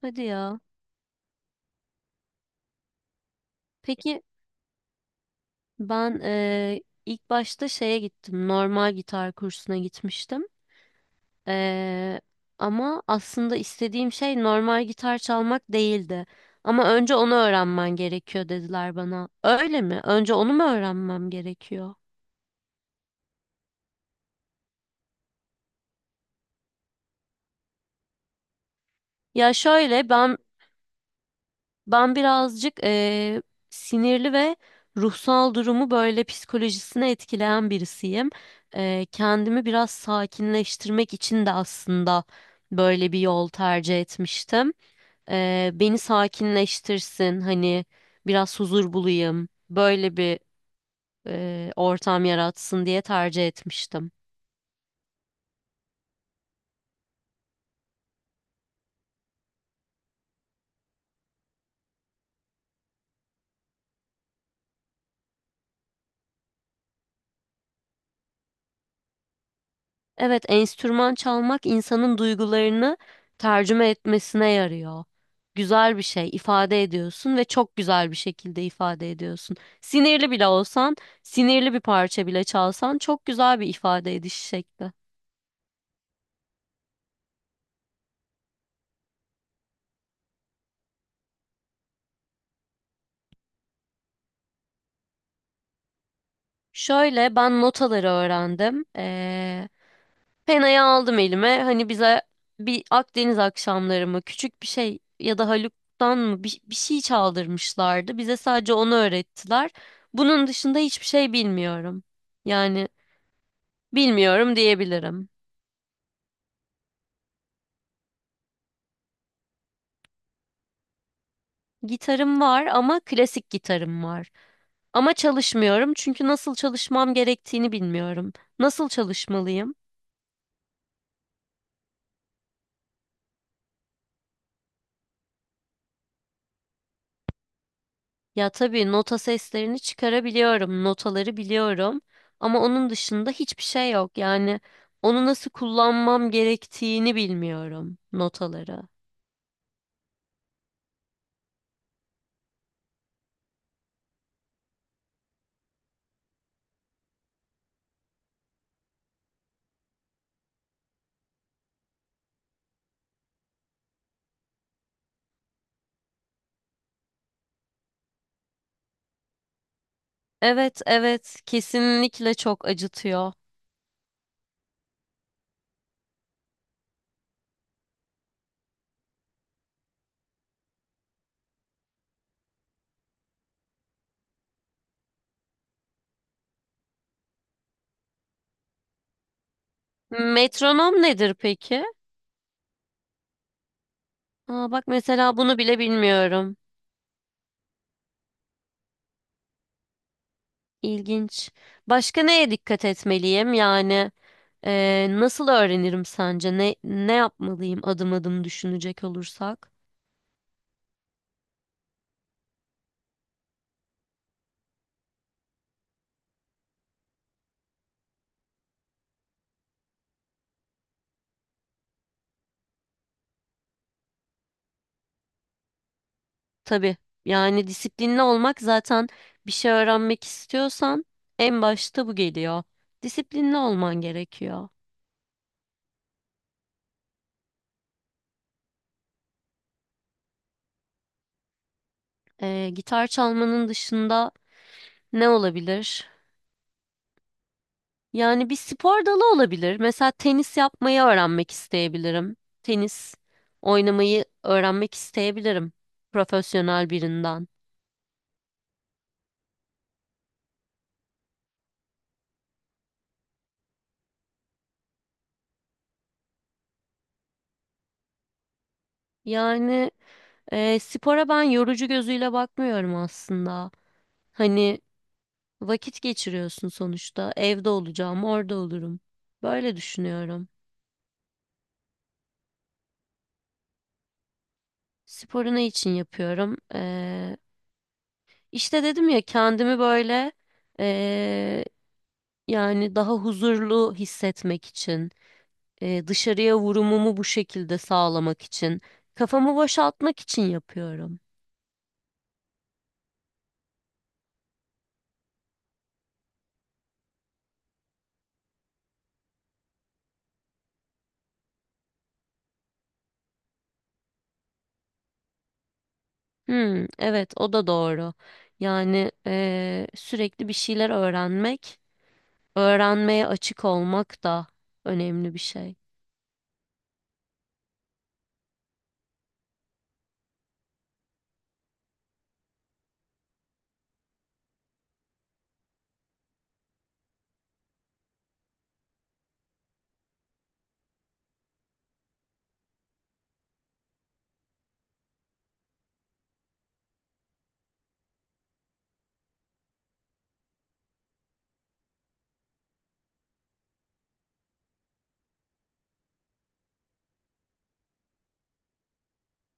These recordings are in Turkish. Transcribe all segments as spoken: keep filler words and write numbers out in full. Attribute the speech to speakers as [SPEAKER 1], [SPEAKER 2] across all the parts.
[SPEAKER 1] Hadi ya. Peki ben eee, ilk başta şeye gittim. Normal gitar kursuna gitmiştim. Eee, ama aslında istediğim şey normal gitar çalmak değildi. Ama önce onu öğrenmen gerekiyor dediler bana. Öyle mi? Önce onu mu öğrenmem gerekiyor? Ya şöyle ben Ben birazcık eee, sinirli ve ruhsal durumu böyle psikolojisine etkileyen birisiyim. Eee, kendimi biraz sakinleştirmek için de aslında böyle bir yol tercih etmiştim. Eee, beni sakinleştirsin, hani biraz huzur bulayım, böyle bir eee, ortam yaratsın diye tercih etmiştim. Evet, enstrüman çalmak insanın duygularını tercüme etmesine yarıyor. Güzel bir şey ifade ediyorsun ve çok güzel bir şekilde ifade ediyorsun. Sinirli bile olsan, sinirli bir parça bile çalsan çok güzel bir ifade ediş şekli. Şöyle ben notaları öğrendim. Ee, Penayı aldım elime. Hani bize bir Akdeniz akşamları mı küçük bir şey ya da Haluk'tan mı bir, bir şey çaldırmışlardı. Bize sadece onu öğrettiler. Bunun dışında hiçbir şey bilmiyorum. Yani bilmiyorum diyebilirim. Gitarım var ama klasik gitarım var. Ama çalışmıyorum çünkü nasıl çalışmam gerektiğini bilmiyorum. Nasıl çalışmalıyım? Ya tabii nota seslerini çıkarabiliyorum, notaları biliyorum ama onun dışında hiçbir şey yok. Yani onu nasıl kullanmam gerektiğini bilmiyorum notaları. Evet, evet, kesinlikle çok acıtıyor. Metronom nedir peki? Aa, bak mesela bunu bile bilmiyorum. İlginç. Başka neye dikkat etmeliyim? Yani eee, nasıl öğrenirim sence? Ne ne yapmalıyım adım adım düşünecek olursak? Tabii yani disiplinli olmak zaten bir şey öğrenmek istiyorsan en başta bu geliyor. Disiplinli olman gerekiyor. Ee, gitar çalmanın dışında ne olabilir? Yani bir spor dalı olabilir. Mesela tenis yapmayı öğrenmek isteyebilirim. Tenis oynamayı öğrenmek isteyebilirim profesyonel birinden. Yani e, spora ben yorucu gözüyle bakmıyorum aslında. Hani vakit geçiriyorsun sonuçta. Evde olacağım, orada olurum. Böyle düşünüyorum. Sporu ne için yapıyorum? Ee, işte dedim ya kendimi böyle ee, yani daha huzurlu hissetmek için, ee, dışarıya vurumumu bu şekilde sağlamak için, kafamı boşaltmak için yapıyorum. Hmm, evet o da doğru. Yani ee, sürekli bir şeyler öğrenmek, öğrenmeye açık olmak da önemli bir şey.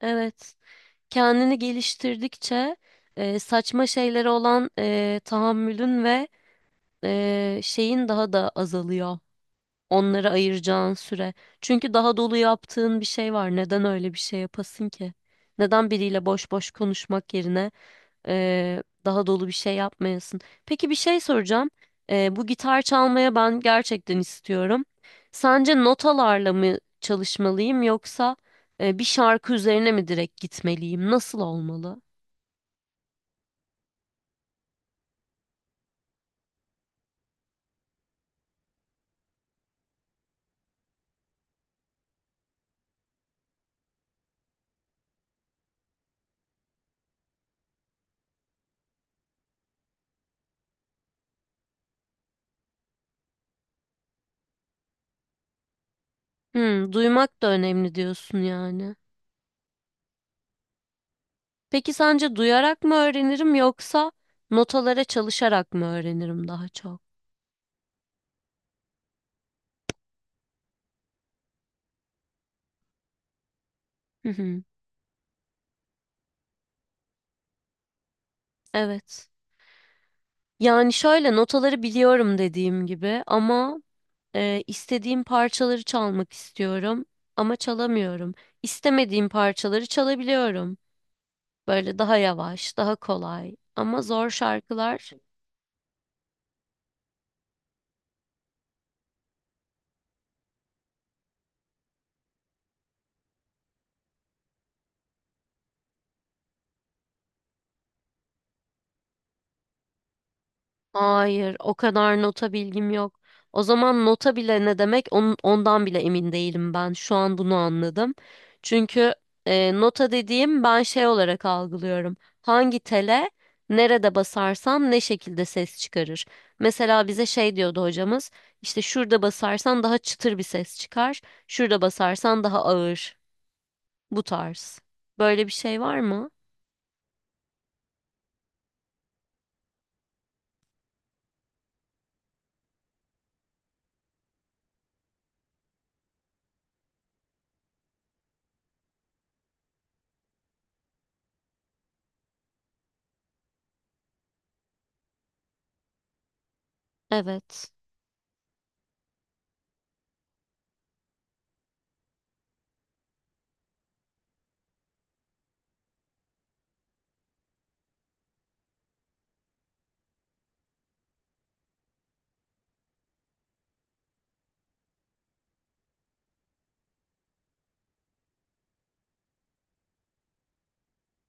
[SPEAKER 1] Evet, kendini geliştirdikçe e, saçma şeylere olan e, tahammülün ve e, şeyin daha da azalıyor. Onları ayıracağın süre. Çünkü daha dolu yaptığın bir şey var. Neden öyle bir şey yapasın ki? Neden biriyle boş boş konuşmak yerine e, daha dolu bir şey yapmayasın? Peki bir şey soracağım. E, bu gitar çalmaya ben gerçekten istiyorum. Sence notalarla mı çalışmalıyım yoksa e, bir şarkı üzerine mi direkt gitmeliyim? Nasıl olmalı? Hmm, duymak da önemli diyorsun yani. Peki sence duyarak mı öğrenirim yoksa notalara çalışarak mı öğrenirim daha çok? Hı hı. Evet. Yani şöyle notaları biliyorum dediğim gibi ama e, istediğim parçaları çalmak istiyorum ama çalamıyorum. İstemediğim parçaları çalabiliyorum. Böyle daha yavaş, daha kolay ama zor şarkılar. Hayır, o kadar nota bilgim yok. O zaman nota bile ne demek onun, ondan bile emin değilim ben. Şu an bunu anladım. Çünkü e, nota dediğim ben şey olarak algılıyorum. Hangi tele nerede basarsam ne şekilde ses çıkarır. Mesela bize şey diyordu hocamız. İşte şurada basarsan daha çıtır bir ses çıkar. Şurada basarsan daha ağır. Bu tarz. Böyle bir şey var mı? Evet.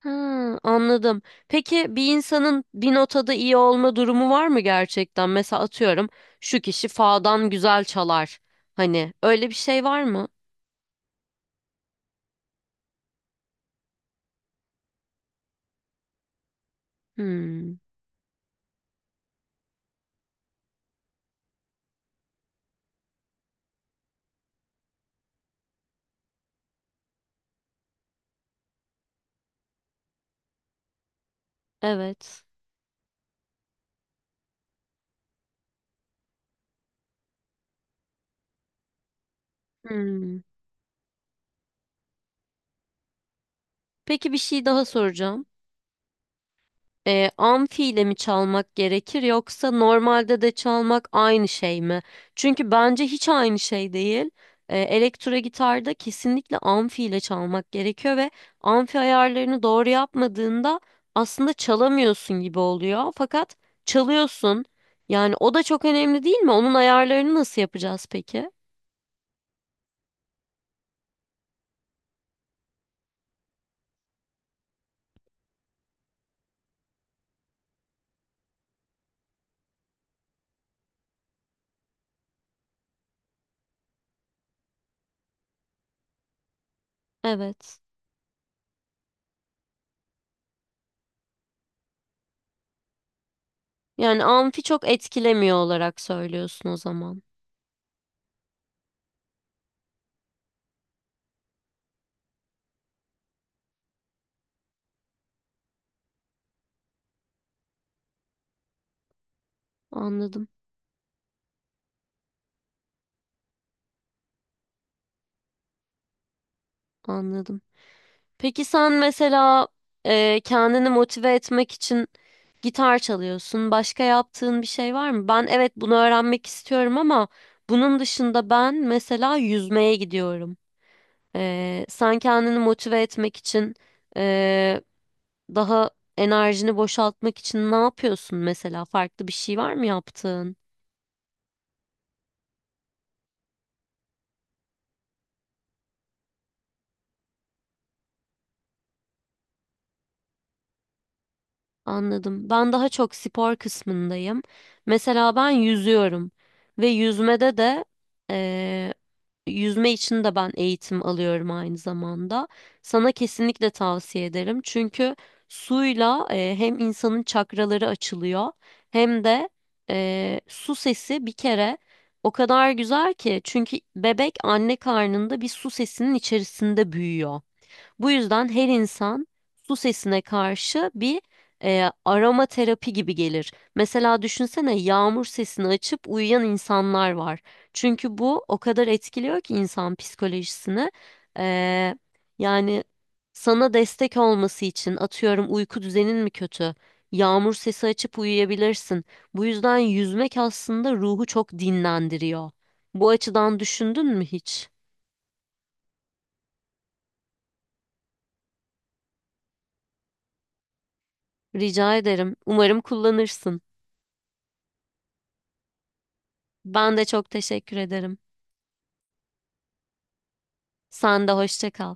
[SPEAKER 1] Ha, anladım. Peki bir insanın bir notada iyi olma durumu var mı gerçekten? Mesela atıyorum şu kişi fa'dan güzel çalar. Hani öyle bir şey var mı? Hmm, evet. Hmm. Peki bir şey daha soracağım. E, amfi ile mi çalmak gerekir yoksa normalde de çalmak aynı şey mi? Çünkü bence hiç aynı şey değil. E, elektro gitarda kesinlikle amfi ile çalmak gerekiyor ve amfi ayarlarını doğru yapmadığında aslında çalamıyorsun gibi oluyor. Fakat çalıyorsun. Yani o da çok önemli değil mi? Onun ayarlarını nasıl yapacağız peki? Evet. Yani amfi çok etkilemiyor olarak söylüyorsun o zaman. Anladım, anladım. Peki sen mesela e, kendini motive etmek için gitar çalıyorsun. Başka yaptığın bir şey var mı? Ben evet bunu öğrenmek istiyorum ama bunun dışında ben mesela yüzmeye gidiyorum. E, sen kendini motive etmek için e, daha enerjini boşaltmak için ne yapıyorsun mesela? Farklı bir şey var mı yaptığın? Anladım. Ben daha çok spor kısmındayım. Mesela ben yüzüyorum ve yüzmede de eee, yüzme için de ben eğitim alıyorum aynı zamanda. Sana kesinlikle tavsiye ederim. Çünkü suyla eee, hem insanın çakraları açılıyor hem de eee, su sesi bir kere o kadar güzel ki çünkü bebek anne karnında bir su sesinin içerisinde büyüyor. Bu yüzden her insan su sesine karşı bir e, aroma terapi gibi gelir. Mesela düşünsene yağmur sesini açıp uyuyan insanlar var. Çünkü bu o kadar etkiliyor ki insan psikolojisini. E, yani sana destek olması için atıyorum uyku düzenin mi kötü? Yağmur sesi açıp uyuyabilirsin. Bu yüzden yüzmek aslında ruhu çok dinlendiriyor. Bu açıdan düşündün mü hiç? Rica ederim. Umarım kullanırsın. Ben de çok teşekkür ederim. Sen de hoşça kal.